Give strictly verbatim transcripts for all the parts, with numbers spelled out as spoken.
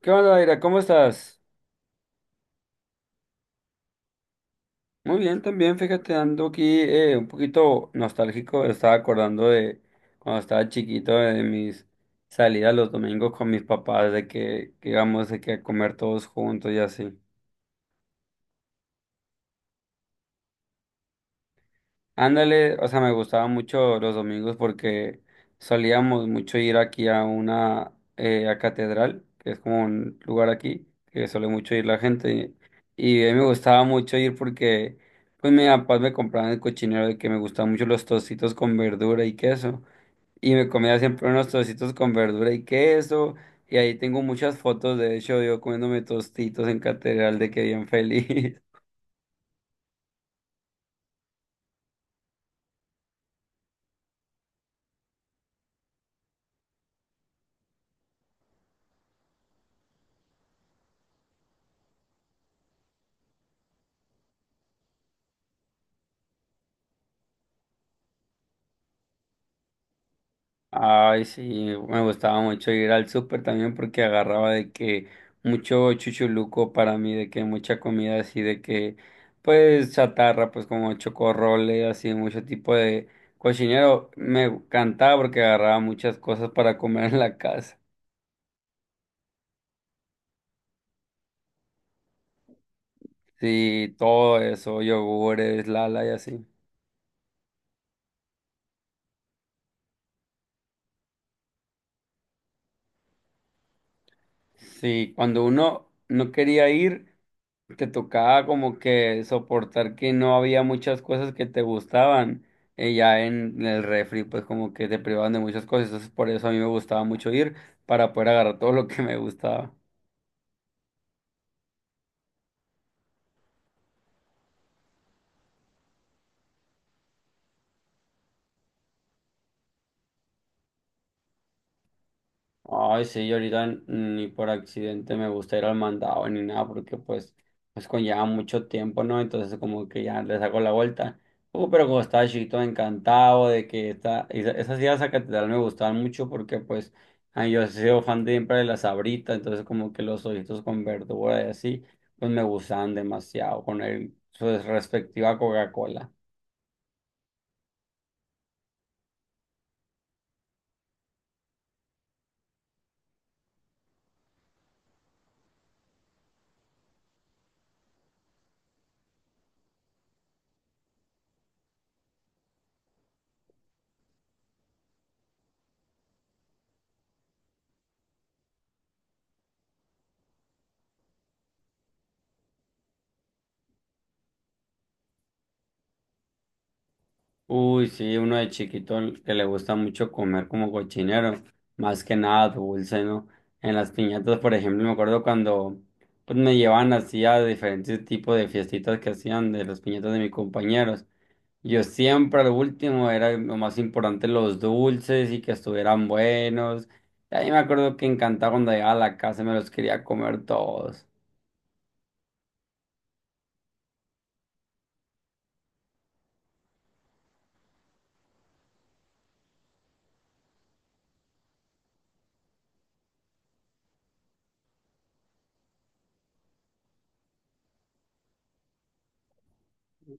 ¿Qué onda, Daira? ¿Cómo estás? Muy bien, también, fíjate, ando aquí eh, un poquito nostálgico. Estaba acordando de cuando estaba chiquito, de mis salidas los domingos con mis papás, de que, que íbamos de que a comer todos juntos y así. Ándale, o sea, me gustaba mucho los domingos porque solíamos mucho ir aquí a una eh, a catedral, que es como un lugar aquí, que suele mucho ir la gente. Y a mí me gustaba mucho ir porque, pues, mi papá me compraba en el cochinero de que me gustaban mucho los tocitos con verdura y queso. Y me comía siempre unos tocitos con verdura y queso. Y ahí tengo muchas fotos, de hecho, yo comiéndome tostitos en catedral de que bien feliz. Ay, sí, me gustaba mucho ir al súper también porque agarraba de que mucho chuchuluco para mí, de que mucha comida así, de que pues chatarra, pues como chocorrole, así, mucho tipo de cochinero. Me encantaba porque agarraba muchas cosas para comer en la casa. Sí, todo eso, yogures, lala y así. Sí, cuando uno no quería ir. Te tocaba como que soportar que no había muchas cosas que te gustaban. Eh, ya en el refri, pues como que te privaban de muchas cosas. Entonces por eso a mí me gustaba mucho ir para poder agarrar todo lo que me gustaba. Ay, sí, yo ahorita ni por accidente me gusta ir al mandado ni nada, porque pues, pues conlleva mucho tiempo, ¿no? Entonces como que ya le saco la vuelta. Uh, pero como estaba chiquito, encantado de que esta, esa- esas ideas a catedral me gustaban mucho porque pues ay, yo he sido fan de siempre de las sabritas, entonces como que los ojitos con verdura y así, pues me gustaban demasiado con el, su respectiva Coca-Cola. Uy, sí, uno de chiquito l- que le gusta mucho comer como cochinero, más que nada dulce, ¿no? En las piñatas, por ejemplo, me acuerdo cuando pues me llevaban así a diferentes tipos de fiestitas que hacían de las piñatas de mis compañeros. Yo siempre al último era lo más importante los dulces y que estuvieran buenos. Y ahí me acuerdo que encantaba cuando llegaba a la casa y me los quería comer todos.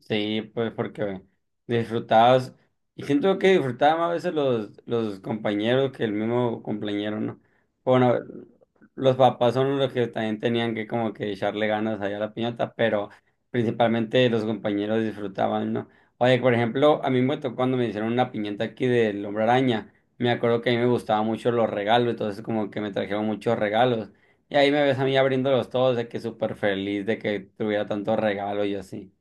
Sí, pues porque disfrutabas, y siento que disfrutaba más a veces los, los compañeros que el mismo compañero, ¿no? Bueno, los papás son los que también tenían que como que echarle ganas allá a la piñata, pero principalmente los compañeros disfrutaban, ¿no? Oye, por ejemplo, a mí me tocó cuando me hicieron una piñata aquí del Hombre Araña, me acuerdo que a mí me gustaban mucho los regalos, entonces como que me trajeron muchos regalos, y ahí me ves a mí abriéndolos todos, de que súper feliz de que tuviera tantos regalos y así.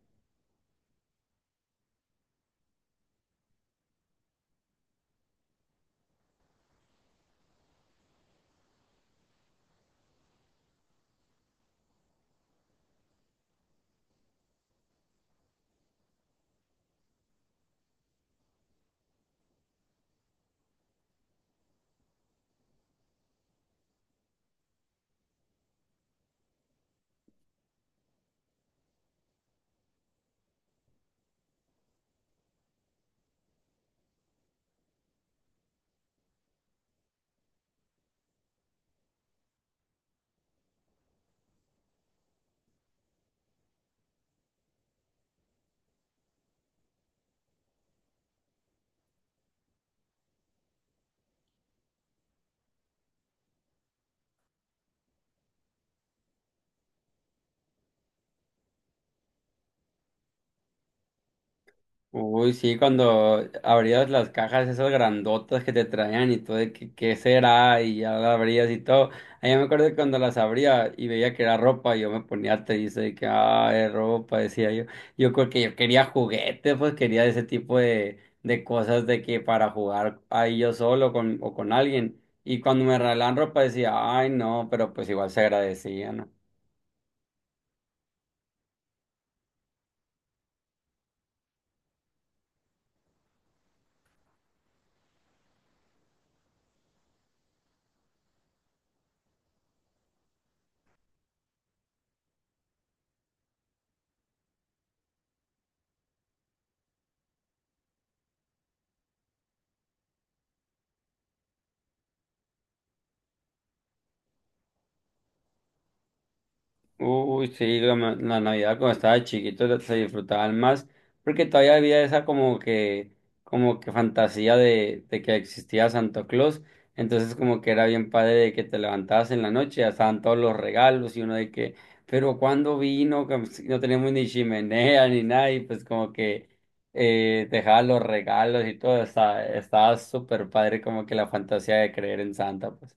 Uy, sí, cuando abrías las cajas esas grandotas que te traían y todo, de que qué será, y ya las abrías y todo. Ahí me acuerdo que cuando las abría y veía que era ropa, yo me ponía triste de que, ah, es ropa, decía yo. Yo creo que yo quería juguetes, pues quería ese tipo de, de cosas de que para jugar ahí yo solo con, o con alguien. Y cuando me regalaban ropa decía, ay, no, pero pues igual se agradecía, ¿no? Uy, sí, la, ma- la Navidad cuando estaba chiquito la- se disfrutaban más, porque todavía había esa como que, como que fantasía de, de que existía Santo Claus, entonces como que era bien padre de que te levantabas en la noche, ya estaban todos los regalos y uno de que, ¿pero cuando vino? Como si no teníamos ni chimenea ni nada y pues como que eh, dejaba los regalos y todo, estaba, estaba súper padre como que la fantasía de creer en Santa, pues.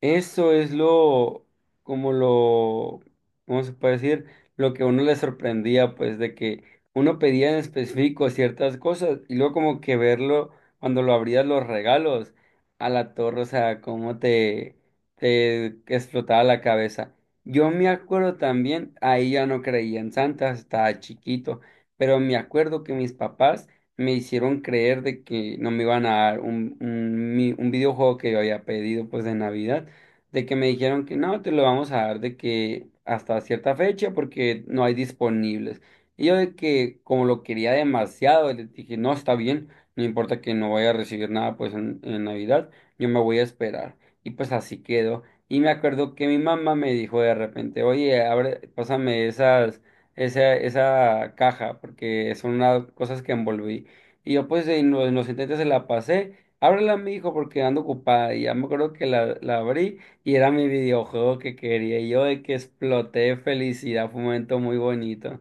Eso es lo, como lo, ¿cómo se puede decir? Lo que a uno le sorprendía, pues, de que uno pedía en específico ciertas cosas y luego como que verlo cuando lo abrías los regalos a la torre, o sea, cómo te, te explotaba la cabeza. Yo me acuerdo también, ahí ya no creía en Santa, estaba chiquito, pero me acuerdo que mis papás me hicieron creer de que no me iban a dar un, un, mi- un videojuego que yo había pedido, pues, de Navidad de que me dijeron que no, te lo vamos a dar de que hasta cierta fecha porque no hay disponibles. Y yo de que como lo quería demasiado, le dije, no, está bien, no importa que no vaya a recibir nada pues en, en Navidad, yo me voy a esperar. Y pues así quedó. Y me acuerdo que mi mamá me dijo de repente, oye, abre, pásame esas, esa, esa caja, porque son unas cosas que envolví. Y yo pues en los, en los intentes se la pasé, ábrela, mi hijo, porque ando ocupada. Y ya me acuerdo que la, la abrí. Y era mi videojuego que quería. Y yo de que exploté de felicidad. Fue un momento muy bonito.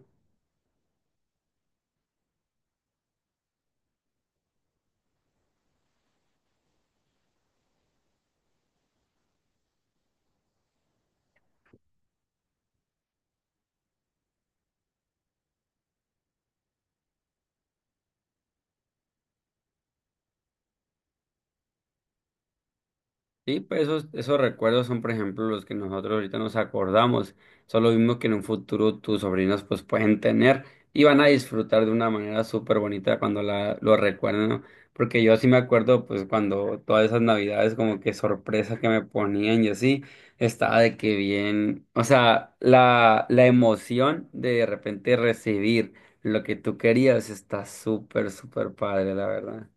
Sí, pues esos, esos recuerdos son, por ejemplo, los que nosotros ahorita nos acordamos. Son los mismos que en un futuro tus sobrinos pues pueden tener y van a disfrutar de una manera súper bonita cuando la, lo recuerden, ¿no? Porque yo sí me acuerdo pues cuando todas esas navidades como que sorpresas que me ponían y así, estaba de que bien, o sea, la, la emoción de de repente recibir lo que tú querías está súper, súper padre, la verdad.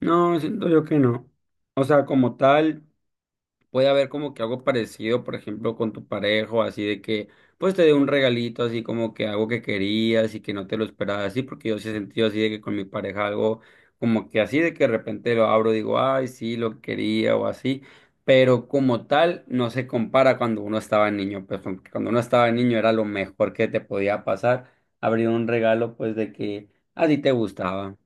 No, siento yo que no. O sea, como tal. Puede haber como que algo parecido, por ejemplo, con tu pareja, así de que, pues te dé un regalito, así como que algo que querías y que no te lo esperabas, así, porque yo sí he sentido así de que con mi pareja algo como que así de que de repente lo abro, digo, ay, sí, lo quería o así, pero como tal no se compara cuando uno estaba niño, pues con- cuando uno estaba niño era lo mejor que te podía pasar, abrir un regalo, pues de que a ti te gustaba.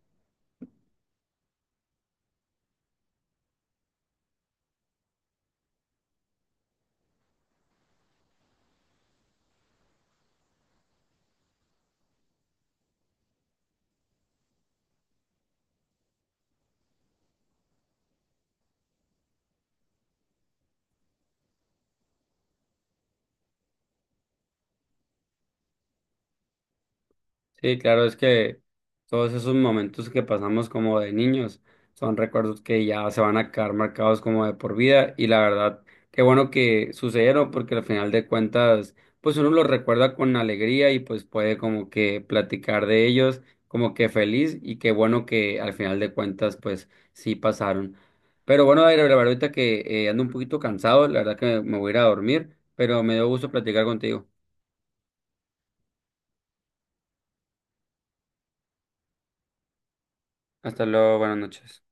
Sí, claro, es que todos esos momentos que pasamos como de niños son recuerdos que ya se van a quedar marcados como de por vida y la verdad, qué bueno que sucedieron porque al final de cuentas, pues uno los recuerda con alegría y pues puede como que platicar de ellos como que feliz y qué bueno que al final de cuentas pues sí pasaron. Pero bueno, Aire, la verdad ahorita que eh, ando un poquito cansado, la verdad que me voy a ir a dormir, pero me dio gusto platicar contigo. Hasta luego, buenas noches.